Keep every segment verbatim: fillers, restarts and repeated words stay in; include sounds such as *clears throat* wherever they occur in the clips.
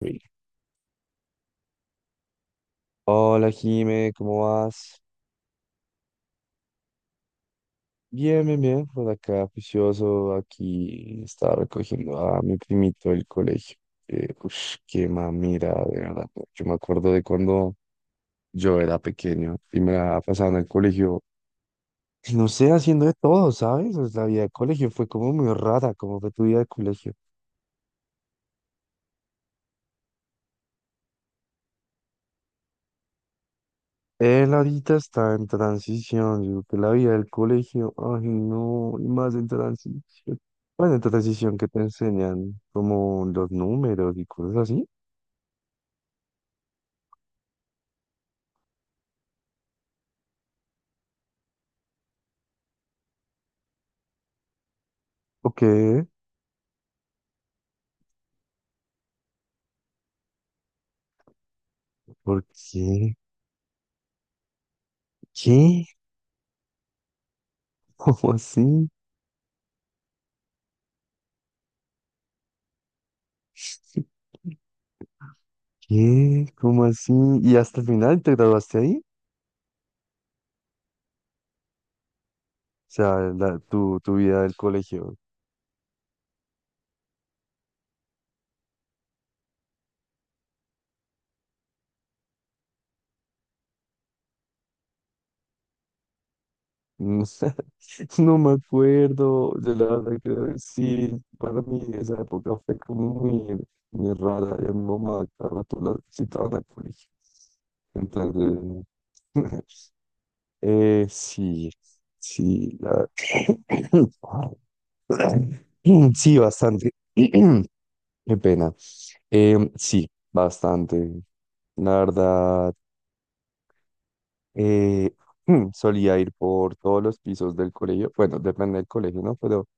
Reel. Hola Jime, ¿cómo vas? Bien, bien, bien, por acá juicioso, aquí estaba recogiendo a mi primito del colegio. Eh, ush, qué mamira, de verdad. Yo me acuerdo de cuando yo era pequeño y me la pasaba en el colegio, no sé, haciendo de todo, ¿sabes? Pues, la vida de colegio fue como muy rara, como fue tu vida de colegio. Él ahorita está en transición, yo que la vida del colegio, ay no, y más en transición. Bueno, en transición que te enseñan como los números y cosas así. ¿O qué? ¿Por qué? ¿Qué? *laughs* ¿Cómo así? ¿Qué? ¿Cómo así? ¿Y hasta el final te graduaste ahí? O sea, la- tu, tu vida del colegio. No, *laughs* no me acuerdo, de la verdad que sí, para mí esa época fue como muy, muy rara, y a mi mamá cada rato la citaban al colegio, entonces, *laughs* eh, sí, sí, la- *clears throat* Sí, bastante, *clears throat* qué pena. Em, sí, bastante, la verdad, eh, *clears throat* solía ir por todos los pisos del colegio, bueno, depende del colegio, ¿no? Pero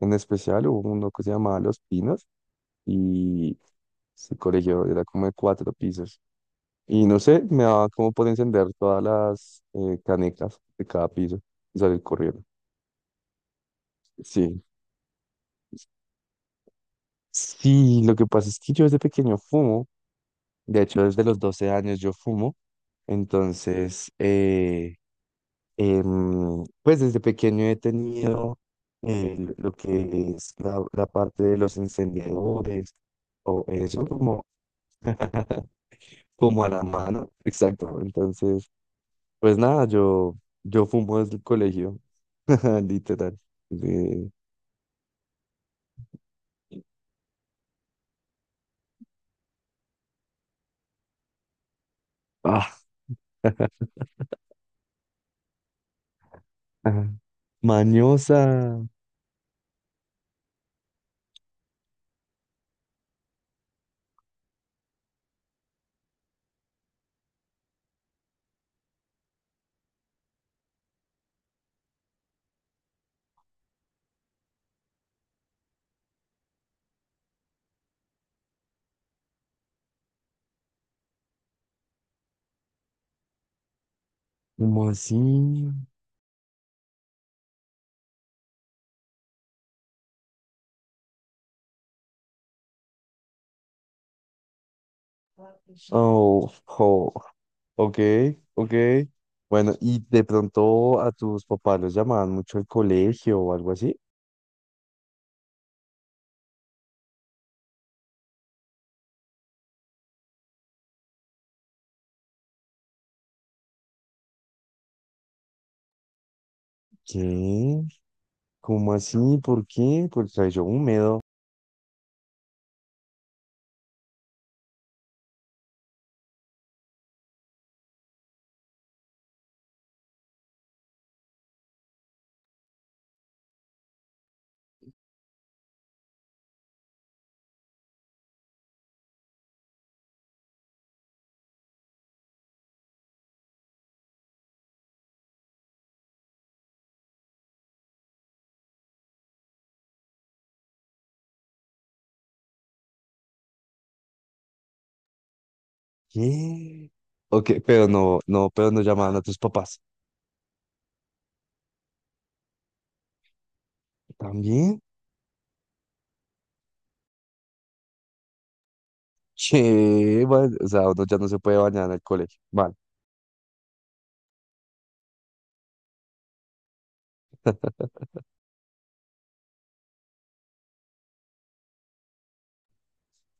en especial hubo uno que se llamaba Los Pinos y se corrigió, era como de cuatro pisos. Y no sé, me daba como por encender todas las eh, canecas de cada piso y salir corriendo. Sí. Sí, lo que pasa es que yo desde pequeño fumo, de hecho desde los doce años yo fumo, entonces, eh, em, pues desde pequeño he tenido, eh, lo que es la, la parte de los encendedores o eso, como como a la mano. *laughs* Exacto. Entonces, pues nada, yo, yo fumo desde el colegio, *laughs* literal. De, ah, ajá. Mañosa, como así. Oh, jo, ok, ok. Bueno, y de pronto a tus papás los llamaban mucho al colegio o algo así. ¿Qué? ¿Cómo así? ¿Por qué? Por el cabello húmedo. ¿Qué? Ok, pero no, no, pero no llamaban a tus papás. ¿También? Che, bueno, o sea, uno ya no se puede bañar en el colegio. Vale.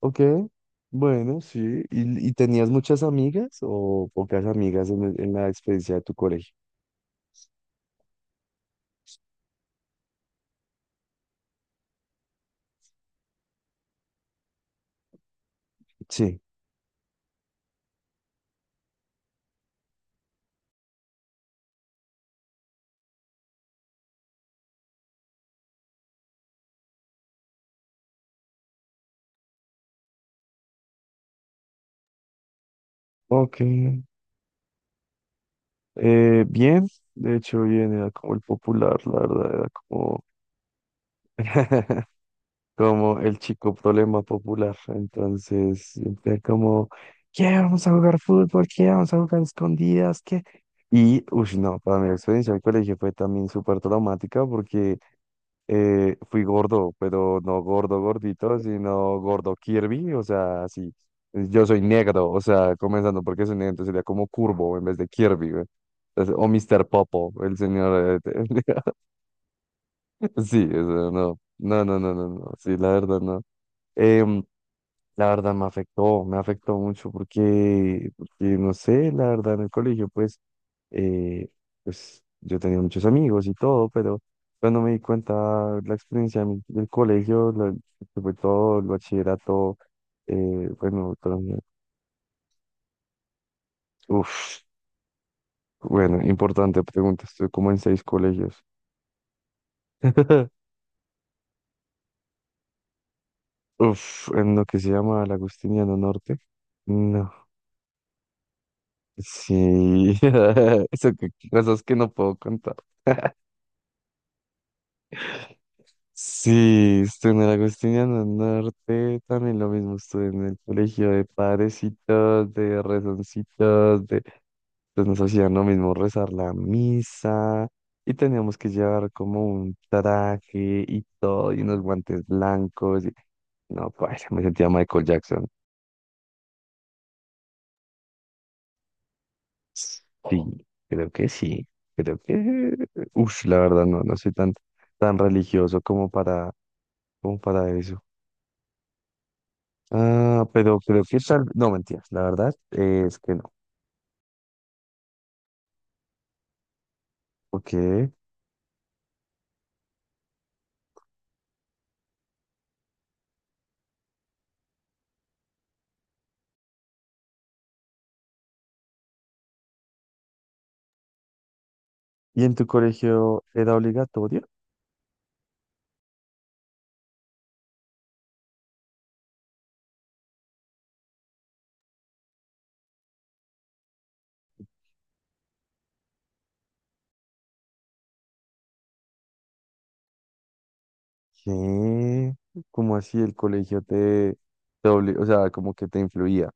Ok, bueno, sí. ¿Y, y tenías muchas amigas o pocas amigas en, el- en la experiencia de tu colegio? Sí. Ok. Eh, bien, de hecho, bien, era como el popular, la verdad, era como, *laughs* como el chico problema popular. Entonces, siempre como, ¿qué? Vamos a jugar fútbol, ¿qué? Vamos a jugar escondidas, ¿qué? Y, uff, no, para mí la experiencia del colegio fue también súper traumática porque eh, fui gordo, pero no gordo gordito, sino gordo Kirby, o sea, así. Yo soy negro, o sea, comenzando porque soy negro, entonces sería como curvo en vez de Kirby, güey. Entonces, o míster Popo, el señor. eh, *laughs* sí, o no, no, no, no, no, no, sí, la verdad, no. Em, la verdad me afectó, me afectó mucho porque, porque, no sé, la verdad, en el colegio, pues eh, pues yo tenía muchos amigos y todo, pero cuando me di cuenta la experiencia de mi- del colegio, lo- que fue todo, el bachillerato, eh, bueno, todo, uf, bueno, importante pregunta, estuve como en seis colegios. *laughs* Uf, en lo que se llama el Agustiniano Norte. No, sí, *laughs* eso que, cosas que no puedo contar. Sí, estuve en el Agustiniano Norte, también lo mismo, estuve en el colegio de padrecitos, de rezoncitos, de... pues nos hacían lo mismo rezar la misa y teníamos que llevar como un traje y todo y unos guantes blancos. Y no, pues me sentía Michael Jackson. Sí, creo que sí, creo que... Uf, la verdad no, no soy tan, tan religioso como para, como para eso. Ah, pero creo que tal. No, mentiras, la verdad es que no. Ok. ¿Y en tu colegio era obligatorio? ¿Qué? ¿Cómo así el colegio te, te obli- o sea, como que te influía?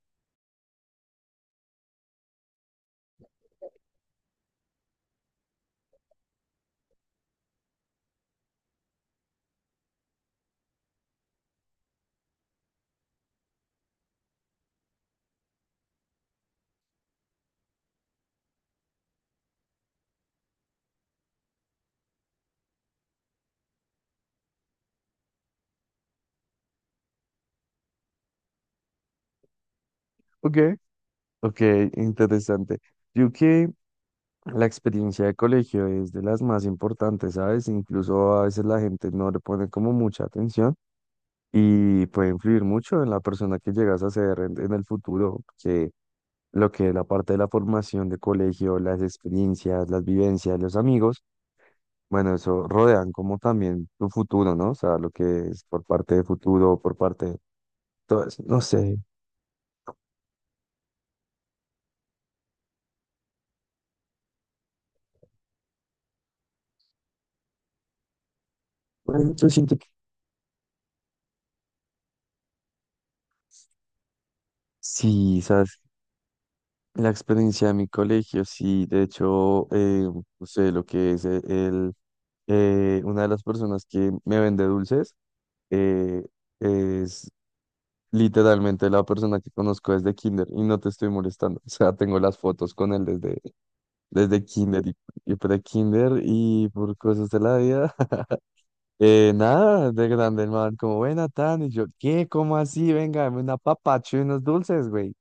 Ok, ok, interesante. Yo que la experiencia de colegio es de las más importantes, ¿sabes? Incluso a veces la gente no le pone como mucha atención y puede influir mucho en la persona que llegas a ser en, en el futuro. Lo que es la parte de la formación de colegio, las experiencias, las vivencias, los amigos, bueno, eso rodean como también tu futuro, ¿no? O sea, lo que es por parte de futuro, por parte de todo eso, no sé. Bueno, yo siento que sí, ¿sabes? La experiencia de mi colegio, sí, de hecho, eh, no sé, lo que es eh, el, eh, una de las personas que me vende dulces, eh, es... Literalmente la persona que conozco desde kinder y no te estoy molestando. *laughs* O sea, tengo las fotos con él desde, desde kinder y, y por kinder y por cosas de la vida. *laughs* Eh, nada, de grande el man, como, buena, tan, y yo, ¿qué? ¿Cómo así? Venga, dame una papacho y unos dulces, güey.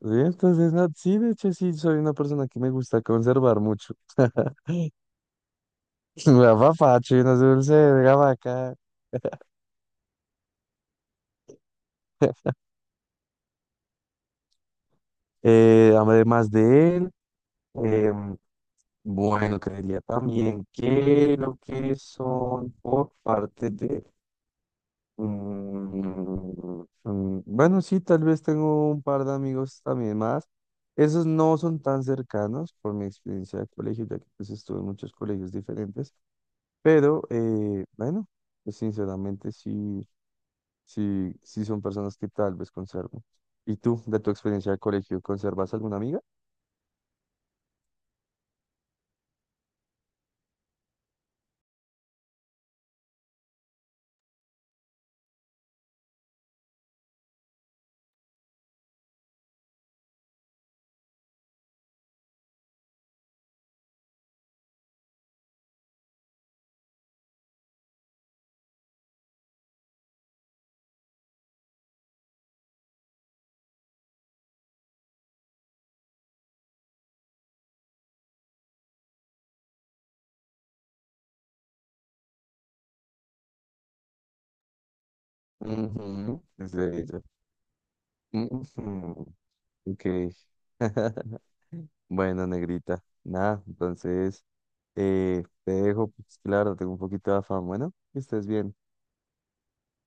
Sí, entonces, no, sí, de hecho, sí, soy una persona que me gusta conservar mucho. *laughs* Me da papacho y unos dulces, venga pa' acá. Eh, además de él, em, bueno, creería también que lo que son por parte de Mm, mm, bueno, sí, tal vez tengo un par de amigos también más. Esos no son tan cercanos por mi experiencia de colegio, ya que pues estuve en muchos colegios diferentes, pero eh, bueno, pues sinceramente sí, sí, sí son personas que tal vez conservo. ¿Y tú, de tu experiencia de colegio, conservas alguna amiga? Ujú, es de ella. Ujú, ok. *laughs* Bueno, negrita, nada, entonces eh, te dejo, pues claro, tengo un poquito de afán. Bueno, que estés bien.